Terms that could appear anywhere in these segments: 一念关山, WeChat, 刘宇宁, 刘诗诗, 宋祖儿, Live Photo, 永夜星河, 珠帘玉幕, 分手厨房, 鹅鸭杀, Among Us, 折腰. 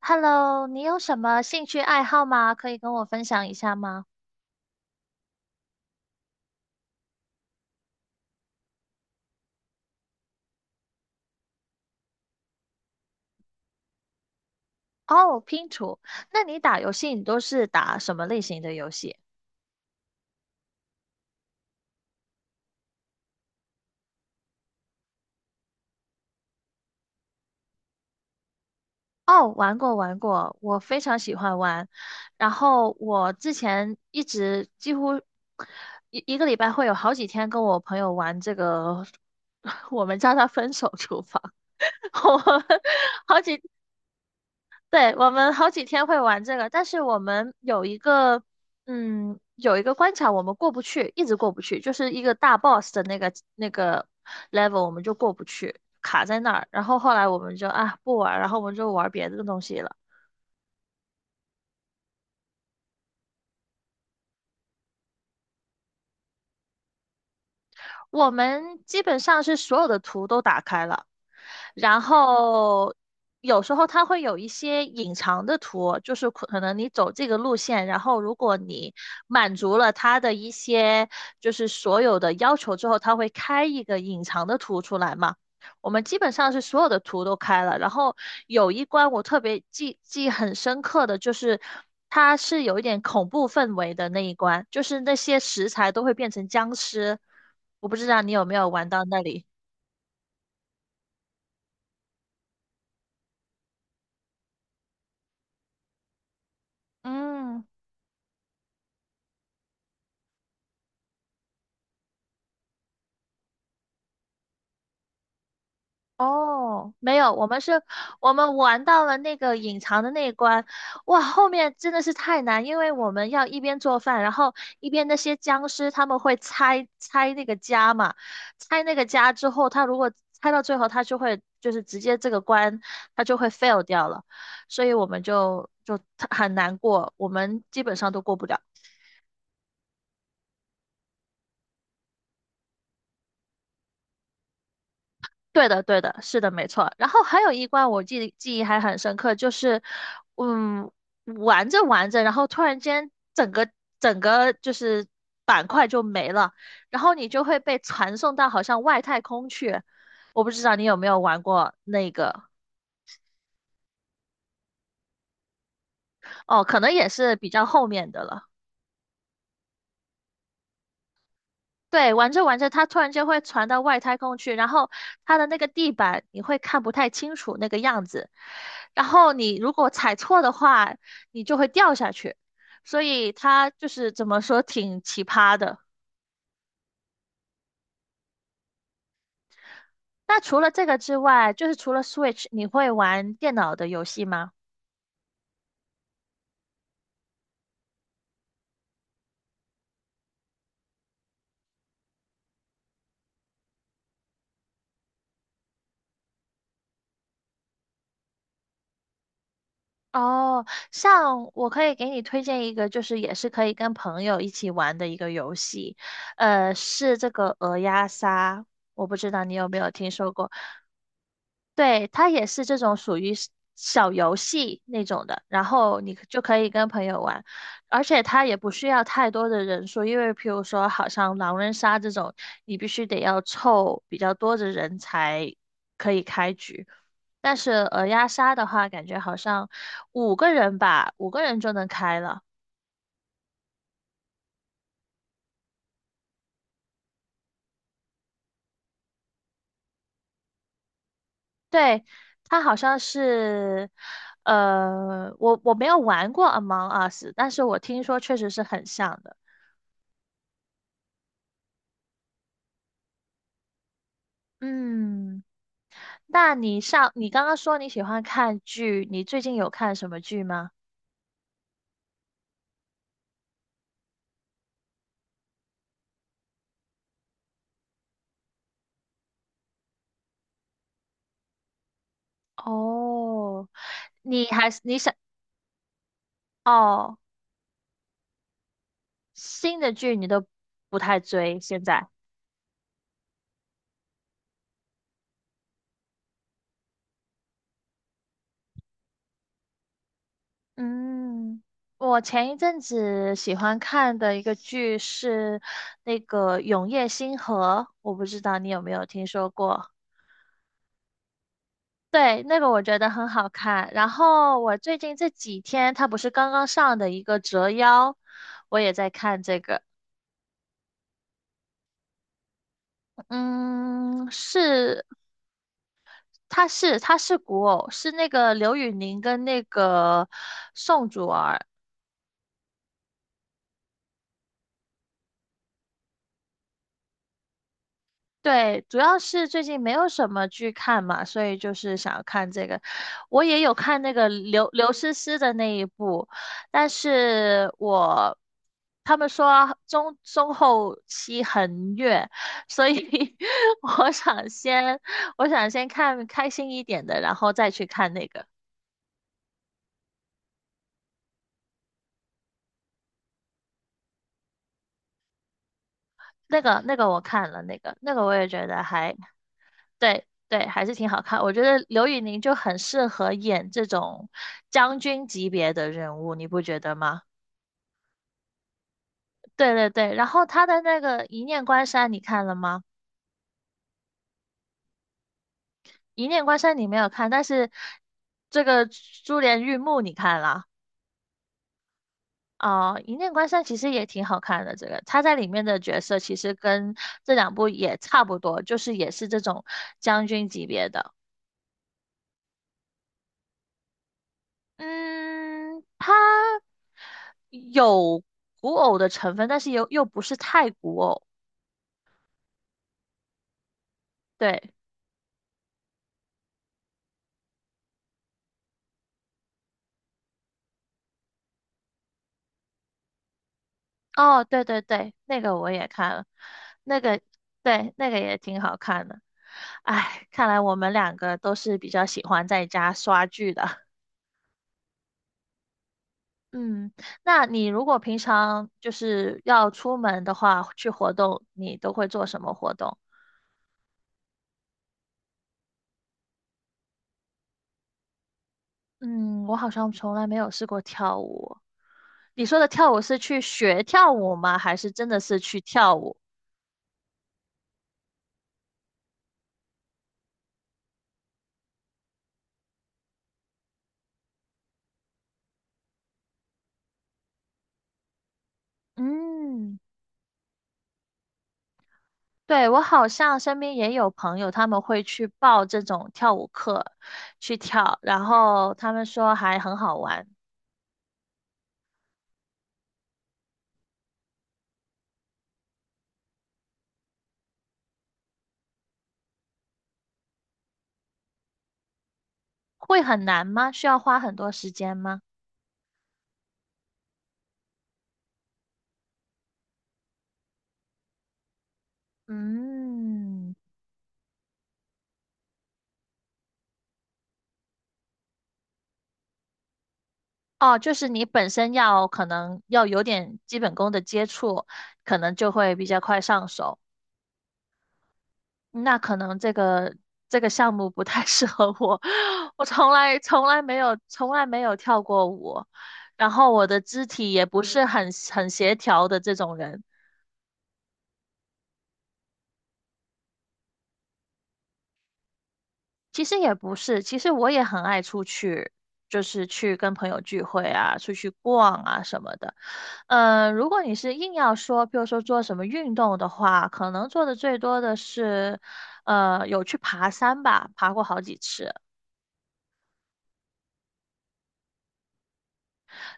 Hello，你有什么兴趣爱好吗？可以跟我分享一下吗？哦，拼图。那你打游戏，你都是打什么类型的游戏？哦，玩过玩过，我非常喜欢玩。然后我之前一直几乎一个礼拜会有好几天跟我朋友玩这个，我们叫它分手厨房。我们好几对，我们好几天会玩这个，但是我们有一个关卡我们过不去，一直过不去，就是一个大 boss 的那个 level 我们就过不去，卡在那儿。然后后来我们就不玩儿，然后我们就玩别的东西了。我们基本上是所有的图都打开了，然后有时候它会有一些隐藏的图，就是可能你走这个路线，然后如果你满足了它的一些就是所有的要求之后，它会开一个隐藏的图出来嘛。我们基本上是所有的图都开了，然后有一关我特别记很深刻的就是，它是有一点恐怖氛围的那一关，就是那些食材都会变成僵尸。我不知道你有没有玩到那里。嗯。哦，没有，我们玩到了那个隐藏的那一关，哇，后面真的是太难，因为我们要一边做饭，然后一边那些僵尸他们会拆那个家嘛，拆那个家之后，他如果拆到最后，他就会就是直接这个关他就会 fail 掉了，所以我们就很难过，我们基本上都过不了。对的，对的，是的，没错。然后还有一关我记忆还很深刻，就是，嗯，玩着玩着，然后突然间整个就是板块就没了，然后你就会被传送到好像外太空去。我不知道你有没有玩过那个，哦，可能也是比较后面的了。对，玩着玩着，它突然间会传到外太空去，然后它的那个地板你会看不太清楚那个样子，然后你如果踩错的话，你就会掉下去，所以它就是怎么说挺奇葩的。那除了这个之外，就是除了 Switch，你会玩电脑的游戏吗？哦，像我可以给你推荐一个，就是也是可以跟朋友一起玩的一个游戏，是这个鹅鸭杀，我不知道你有没有听说过。对，它也是这种属于是小游戏那种的，然后你就可以跟朋友玩，而且它也不需要太多的人数，因为譬如说，好像狼人杀这种，你必须得要凑比较多的人才可以开局。但是鹅鸭杀的话，感觉好像五个人吧，五个人就能开了。对，它好像是，我没有玩过 Among Us，但是我听说确实是很像的。嗯，那你上，你刚刚说你喜欢看剧，你最近有看什么剧吗？哦，你还是你想，哦，新的剧你都不太追，现在。嗯，我前一阵子喜欢看的一个剧是那个《永夜星河》，我不知道你有没有听说过。对，那个我觉得很好看。然后我最近这几天，它不是刚刚上的一个《折腰》，我也在看这个。嗯，是，它是古偶，是那个刘宇宁跟那个宋祖儿。对，主要是最近没有什么剧看嘛，所以就是想要看这个。我也有看那个刘诗诗的那一部，但是他们说中后期很虐，所以 我想先我想先看开心一点的，然后再去看那个。那个我看了，我也觉得还对对，还是挺好看。我觉得刘宇宁就很适合演这种将军级别的人物，你不觉得吗？对对对，然后他的那个《一念关山》，你看了吗？《一念关山》你没有看，但是这个《珠帘玉幕》你看了哦，一念关山》其实也挺好看的。这个他在里面的角色其实跟这两部也差不多，就是也是这种将军级别的。嗯，他。有古偶的成分，但是又不是太古偶。对，哦，对对对，那个我也看了，那个对，那个也挺好看的。哎，看来我们两个都是比较喜欢在家刷剧的。嗯，那你如果平常就是要出门的话，去活动，你都会做什么活动？嗯，我好像从来没有试过跳舞。你说的跳舞是去学跳舞吗？还是真的是去跳舞？嗯。对，我好像身边也有朋友，他们会去报这种跳舞课去跳，然后他们说还很好玩。会很难吗？需要花很多时间吗？嗯，哦，就是你本身要可能要有点基本功的接触，可能就会比较快上手。那可能这个项目不太 适合我，我从来没有跳过舞，然后我的肢体也不是很协调的这种人。其实也不是，其实我也很爱出去，就是去跟朋友聚会啊，出去逛啊什么的。如果你是硬要说，比如说做什么运动的话，可能做的最多的是，有去爬山吧，爬过好几次。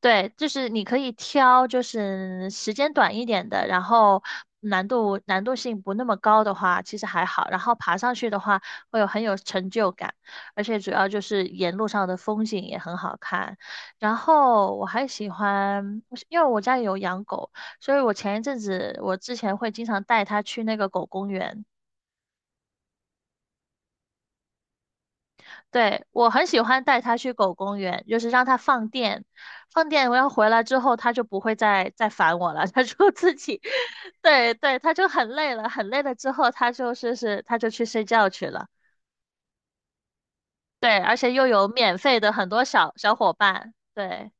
对，就是你可以挑，就是时间短一点的，然后难度性不那么高的话，其实还好。然后爬上去的话，会有很有成就感，而且主要就是沿路上的风景也很好看。然后我还喜欢，我是因为我家里有养狗，所以我前一阵子我之前会经常带它去那个狗公园。对，我很喜欢带它去狗公园，就是让它放电，放电，我要回来之后，它就不会再烦我了，它就自己，对对，它就很累了，很累了之后，它就去睡觉去了，对，而且又有免费的很多小伙伴，对。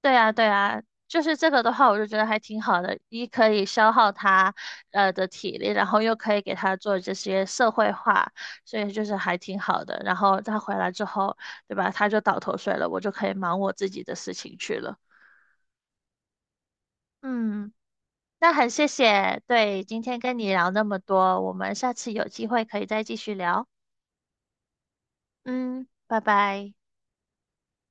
对啊，对啊，就是这个的话，我就觉得还挺好的，一可以消耗他的体力，然后又可以给他做这些社会化，所以就是还挺好的。然后他回来之后，对吧？他就倒头睡了，我就可以忙我自己的事情去了。嗯，那很谢谢，对，今天跟你聊那么多，我们下次有机会可以再继续聊。嗯，拜拜。